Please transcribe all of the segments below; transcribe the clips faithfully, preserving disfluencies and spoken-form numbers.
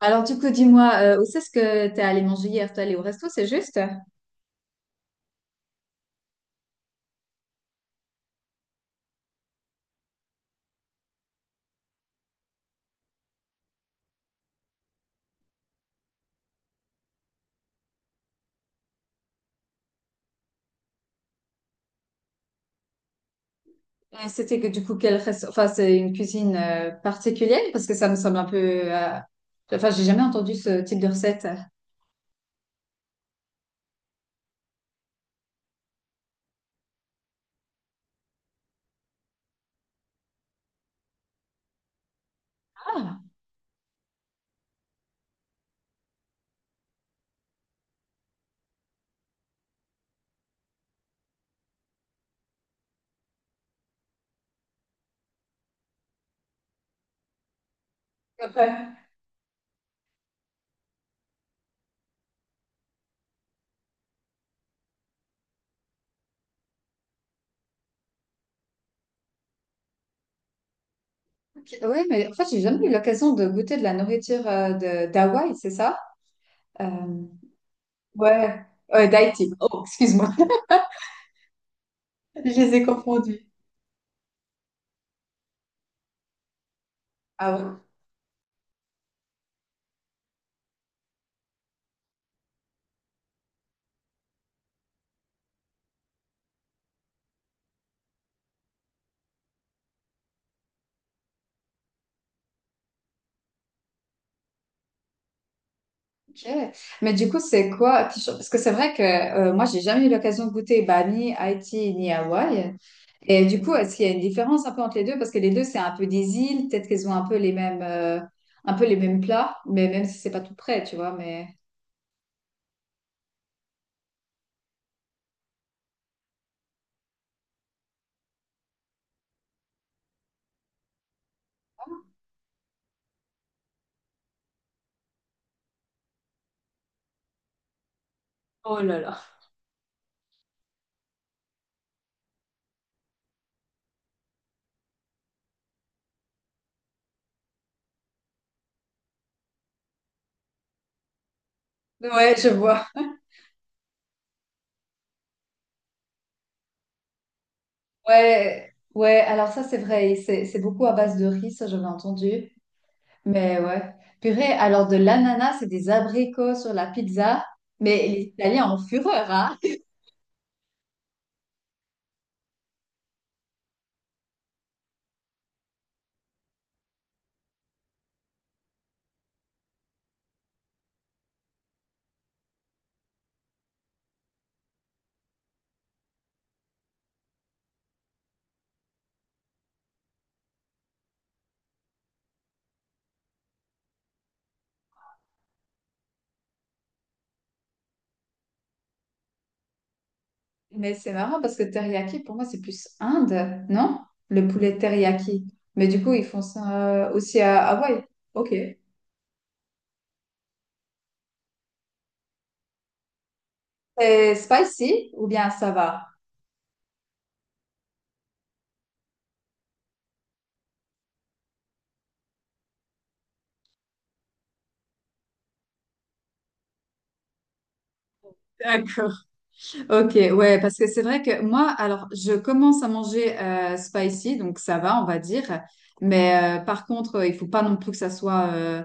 Alors, du coup, dis-moi, euh, où c'est-ce que t'es allé manger hier? T'es allé au resto, c'est juste? Et c'était que, du coup, quel resto? Enfin, c'est une cuisine euh, particulière parce que ça me semble un peu. euh, Enfin, j'ai jamais entendu ce type de recette. Ah, oui, mais en fait, j'ai jamais eu l'occasion de goûter de la nourriture euh, de d'Hawaï, c'est ça? Euh, Ouais, ouais, d'Haïti. Oh, excuse-moi. Je les ai confondus. Ah ouais. Ok. Mais du coup, c'est quoi? Parce que c'est vrai que euh, moi, j'ai jamais eu l'occasion de goûter bah, ni Haïti ni Hawaï. Et du coup, est-ce qu'il y a une différence un peu entre les deux? Parce que les deux, c'est un peu des îles, peut-être qu'elles ont un peu les mêmes, euh, un peu les mêmes plats, mais même si c'est pas tout près, tu vois, mais... Oh là là. Ouais, je vois. Ouais, ouais, alors ça, c'est vrai, c'est c'est beaucoup à base de riz, ça, j'avais entendu. Mais ouais. Purée, alors de l'ananas et des abricots sur la pizza, mais les Italiens en fureur, hein? Mais c'est marrant parce que teriyaki, pour moi, c'est plus Inde, non? Le poulet teriyaki. Mais du coup, ils font ça euh, aussi à Hawaï. Ok. C'est spicy ou bien ça va? D'accord. Ok, ouais, parce que c'est vrai que moi, alors, je commence à manger euh, spicy, donc ça va, on va dire. Mais euh, par contre, euh, il faut pas non plus que ça soit euh,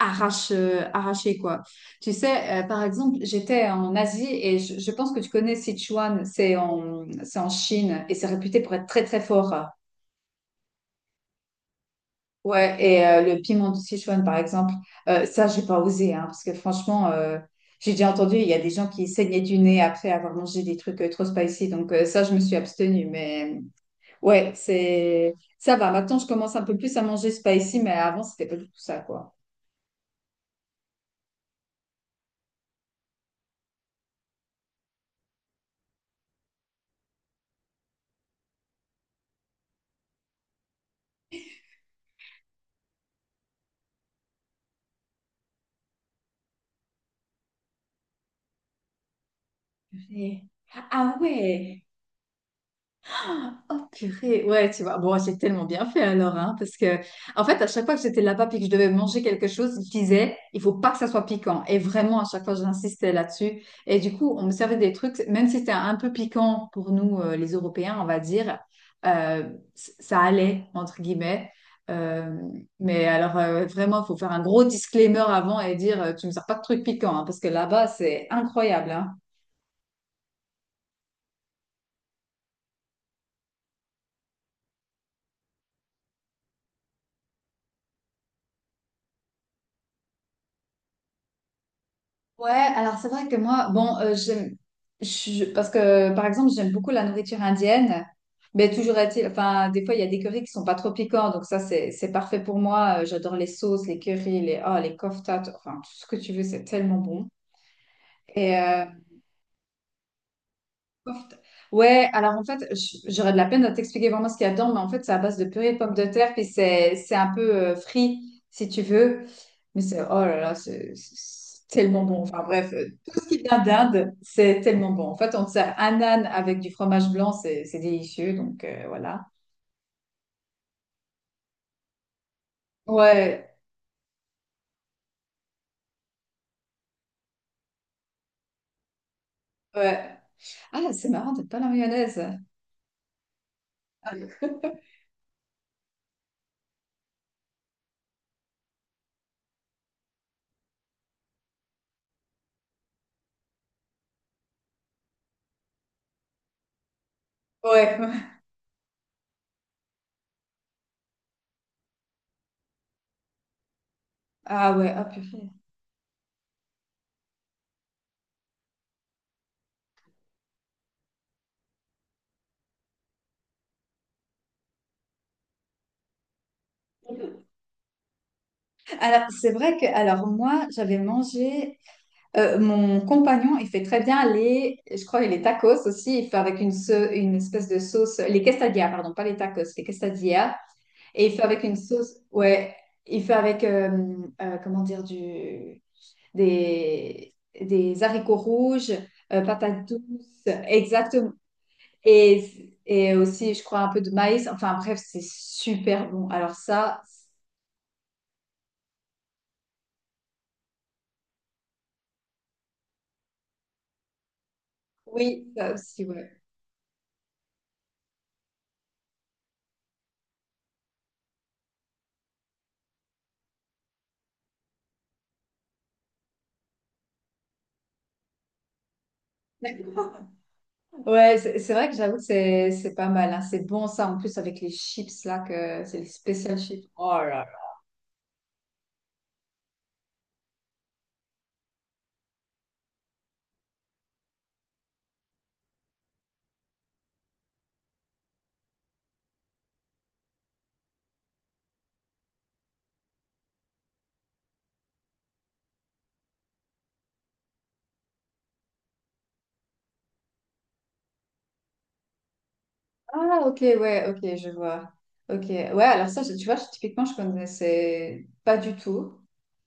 arrache, euh, arraché, quoi. Tu sais, euh, par exemple, j'étais en Asie et je, je pense que tu connais Sichuan, c'est en, c'est en Chine et c'est réputé pour être très, très fort. Ouais, et euh, le piment de Sichuan, par exemple, euh, ça, j'ai pas osé, hein, parce que franchement, euh, j'ai déjà entendu, il y a des gens qui saignaient du nez après avoir mangé des trucs euh, trop spicy, donc euh, ça, je me suis abstenue, mais euh, ouais, c'est ça va. Maintenant, je commence un peu plus à manger spicy, mais avant, c'était pas du tout ça, quoi. Purée. Ah ouais, oh purée, ouais, tu vois. Bon, j'ai tellement bien fait alors, hein, parce que, en fait, à chaque fois que j'étais là-bas et que je devais manger quelque chose, je disais, il faut pas que ça soit piquant. Et vraiment, à chaque fois, j'insistais là-dessus. Et du coup, on me servait des trucs, même si c'était un peu piquant pour nous, euh, les Européens, on va dire, euh, c- ça allait, entre guillemets. Euh, mais alors, euh, vraiment, il faut faire un gros disclaimer avant et dire, euh, tu me sers pas de trucs piquants, hein, parce que là-bas, c'est incroyable, hein. Ouais, alors c'est vrai que moi, bon, euh, j'aime, je- parce que par exemple, j'aime beaucoup la nourriture indienne, mais toujours est-il, enfin, des fois, il y a des currys qui sont pas trop piquants, donc ça, c'est c'est parfait pour moi. Euh, J'adore les sauces, les currys, les, oh, les koftas, t- enfin, tout ce que tu veux, c'est tellement bon. Soft. Ouais, alors en fait, j- j'aurais de la peine de t'expliquer vraiment ce qu'il y a dedans, mais en fait, c'est à base de purée de pommes de terre, puis c'est c'est un peu euh, frit, si tu veux. Mais c'est, oh là là, c'est c'est tellement bon. Enfin bref, euh, tout ce qui vient d'Inde, c'est tellement bon. En fait, on te sert un âne avec du fromage blanc, c'est c'est délicieux, donc euh, voilà. Ouais, ouais. Ah, c'est marrant d'être pas la mayonnaise. Ah, ouais. Ah ouais, ah purée. Alors, c'est vrai que, alors moi, j'avais mangé. Euh, mon compagnon, il fait très bien les, je crois, les tacos aussi. Il fait avec une, sau- une espèce de sauce, les quesadillas, pardon, pas les tacos, les quesadillas. Et il fait avec une sauce, ouais, il fait avec, euh, euh, comment dire, du, des, des haricots rouges, euh, patates douces, exactement. Et, et aussi, je crois, un peu de maïs. Enfin, bref, c'est super bon. Alors ça, oui, ça aussi, ouais. Ouais, c'est c'est vrai que j'avoue que c'est c'est pas mal. Hein. C'est bon ça, en plus avec les chips là, que c'est les spécial chips. Oh là là. Ah, ok, ouais, ok, je vois. Ok, ouais, alors ça, je- tu vois, je- typiquement, je connaissais pas du tout.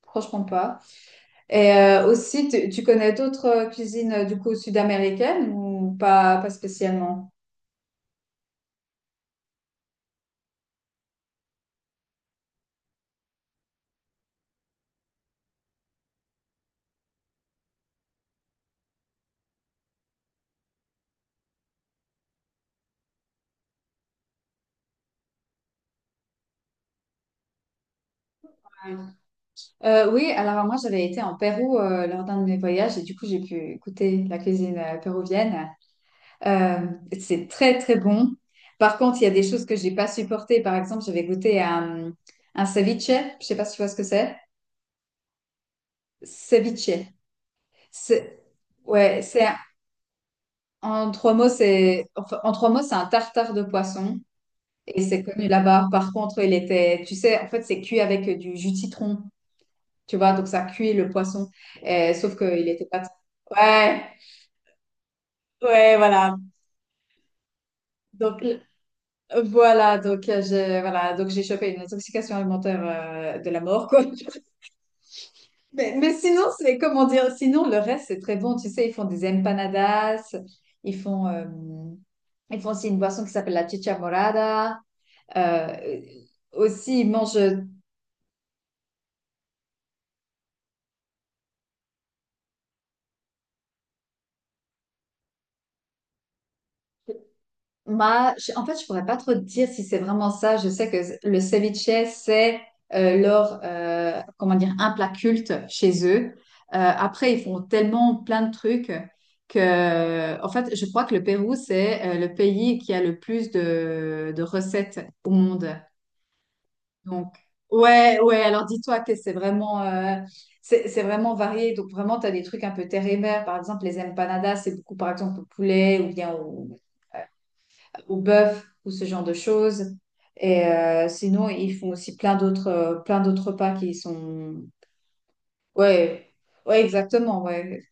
Franchement pas. Et euh, aussi, tu, tu connais d'autres euh, cuisines euh, du coup sud-américaines ou pas, pas spécialement? Ouais. Euh, oui, alors moi j'avais été en Pérou euh, lors d'un de mes voyages et du coup j'ai pu goûter la cuisine euh, péruvienne. Euh, c'est très, très bon. Par contre, il y a des choses que j'ai pas supportées. Par exemple, j'avais goûté un, un ceviche. Je sais pas si tu vois ce que c'est. Ceviche. C'est, ouais, c'est, en trois mots, c'est, enfin, en trois mots, c'est un tartare de poisson. Et c'est connu là-bas. Par contre, il était, tu sais, en fait, c'est cuit avec du jus de citron. Tu vois, donc ça cuit le poisson. Euh, sauf qu'il n'était pas. Ouais, ouais, voilà. Donc Euh, Voilà, donc euh, j'ai voilà, donc j'ai chopé une intoxication alimentaire euh, de la mort, quoi. Mais, mais sinon, c'est comment dire, sinon le reste c'est très bon. Tu sais, ils font des empanadas, ils font, euh, ils font aussi une boisson qui s'appelle la chicha morada. Euh, aussi, ils mangent bah, je- en fait, je pourrais pas trop te dire si c'est vraiment ça. Je sais que le ceviche, c'est euh, leur, euh, comment dire, un plat culte chez eux. Euh, après, ils font tellement plein de trucs que, en fait, je crois que le Pérou, c'est euh, le pays qui a le plus de, de recettes au monde. Donc, ouais, ouais. Alors, dis-toi que c'est vraiment, euh, c'est c'est vraiment varié. Donc, vraiment, tu as des trucs un peu terre et mer. Par exemple, les empanadas, c'est beaucoup, par exemple, au poulet ou bien au ou bœuf ou ce genre de choses. Et euh, sinon, ils font aussi plein d'autres euh, plein d'autres repas qui sont... Ouais, ouais, exactement, ouais.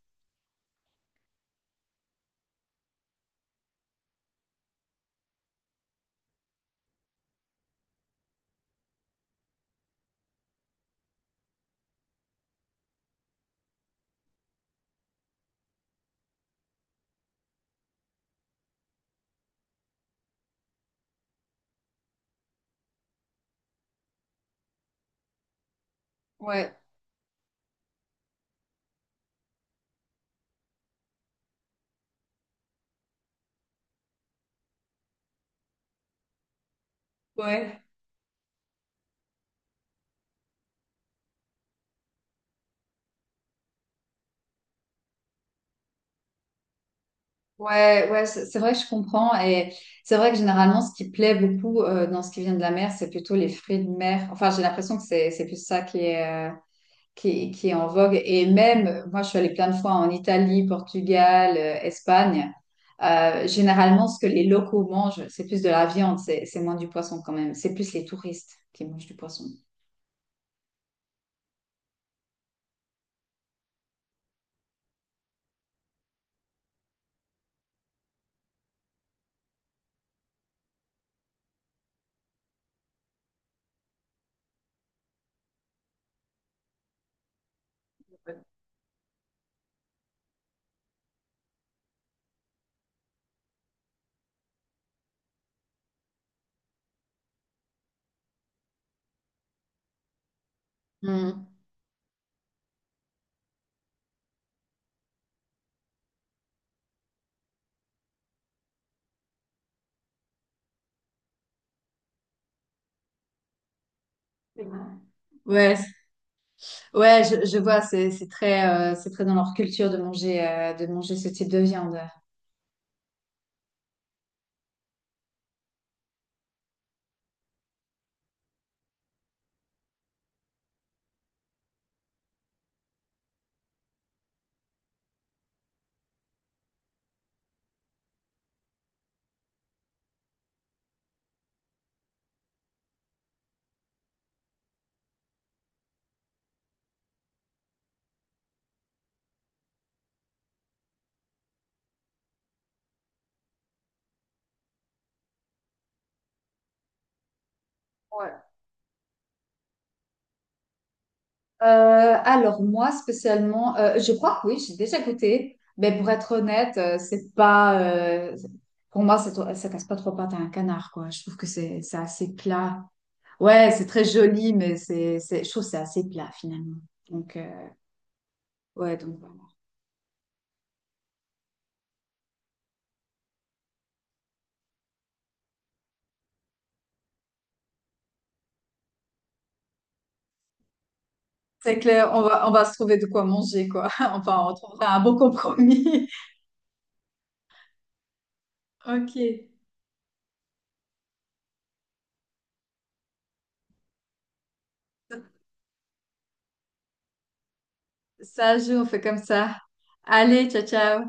Ouais, ouais, ouais, ouais, c'est c'est vrai que je comprends. Et c'est vrai que généralement, ce qui plaît beaucoup euh, dans ce qui vient de la mer, c'est plutôt les fruits de mer. Enfin, j'ai l'impression que c'est c'est plus ça qui est... euh, qui, est qui est en vogue. Et même, moi, je suis allée plein de fois en Italie, Portugal, euh, Espagne. Euh, généralement, ce que les locaux mangent, c'est plus de la viande, c'est c'est moins du poisson quand même. C'est plus les touristes qui mangent du poisson. Hmm. Ouais, c- ouais, je, je vois, c'est c'est très, euh, C'est très dans leur culture de manger, euh, de manger ce type de viande. Euh, alors moi spécialement, euh, je crois que oui, j'ai déjà goûté, mais pour être honnête, euh, c'est pas, euh, pour moi, c'est- ça casse pas trois pattes à un canard, quoi. Je trouve que c'est c'est assez plat. Ouais, c'est très joli, mais c'est, c'est, je trouve que c'est assez plat finalement. Donc euh, ouais, donc voilà. C'est clair, on va on va se trouver de quoi manger, quoi. Enfin, on trouvera un bon compromis. Ok, ça joue, on fait comme ça. Allez, ciao ciao.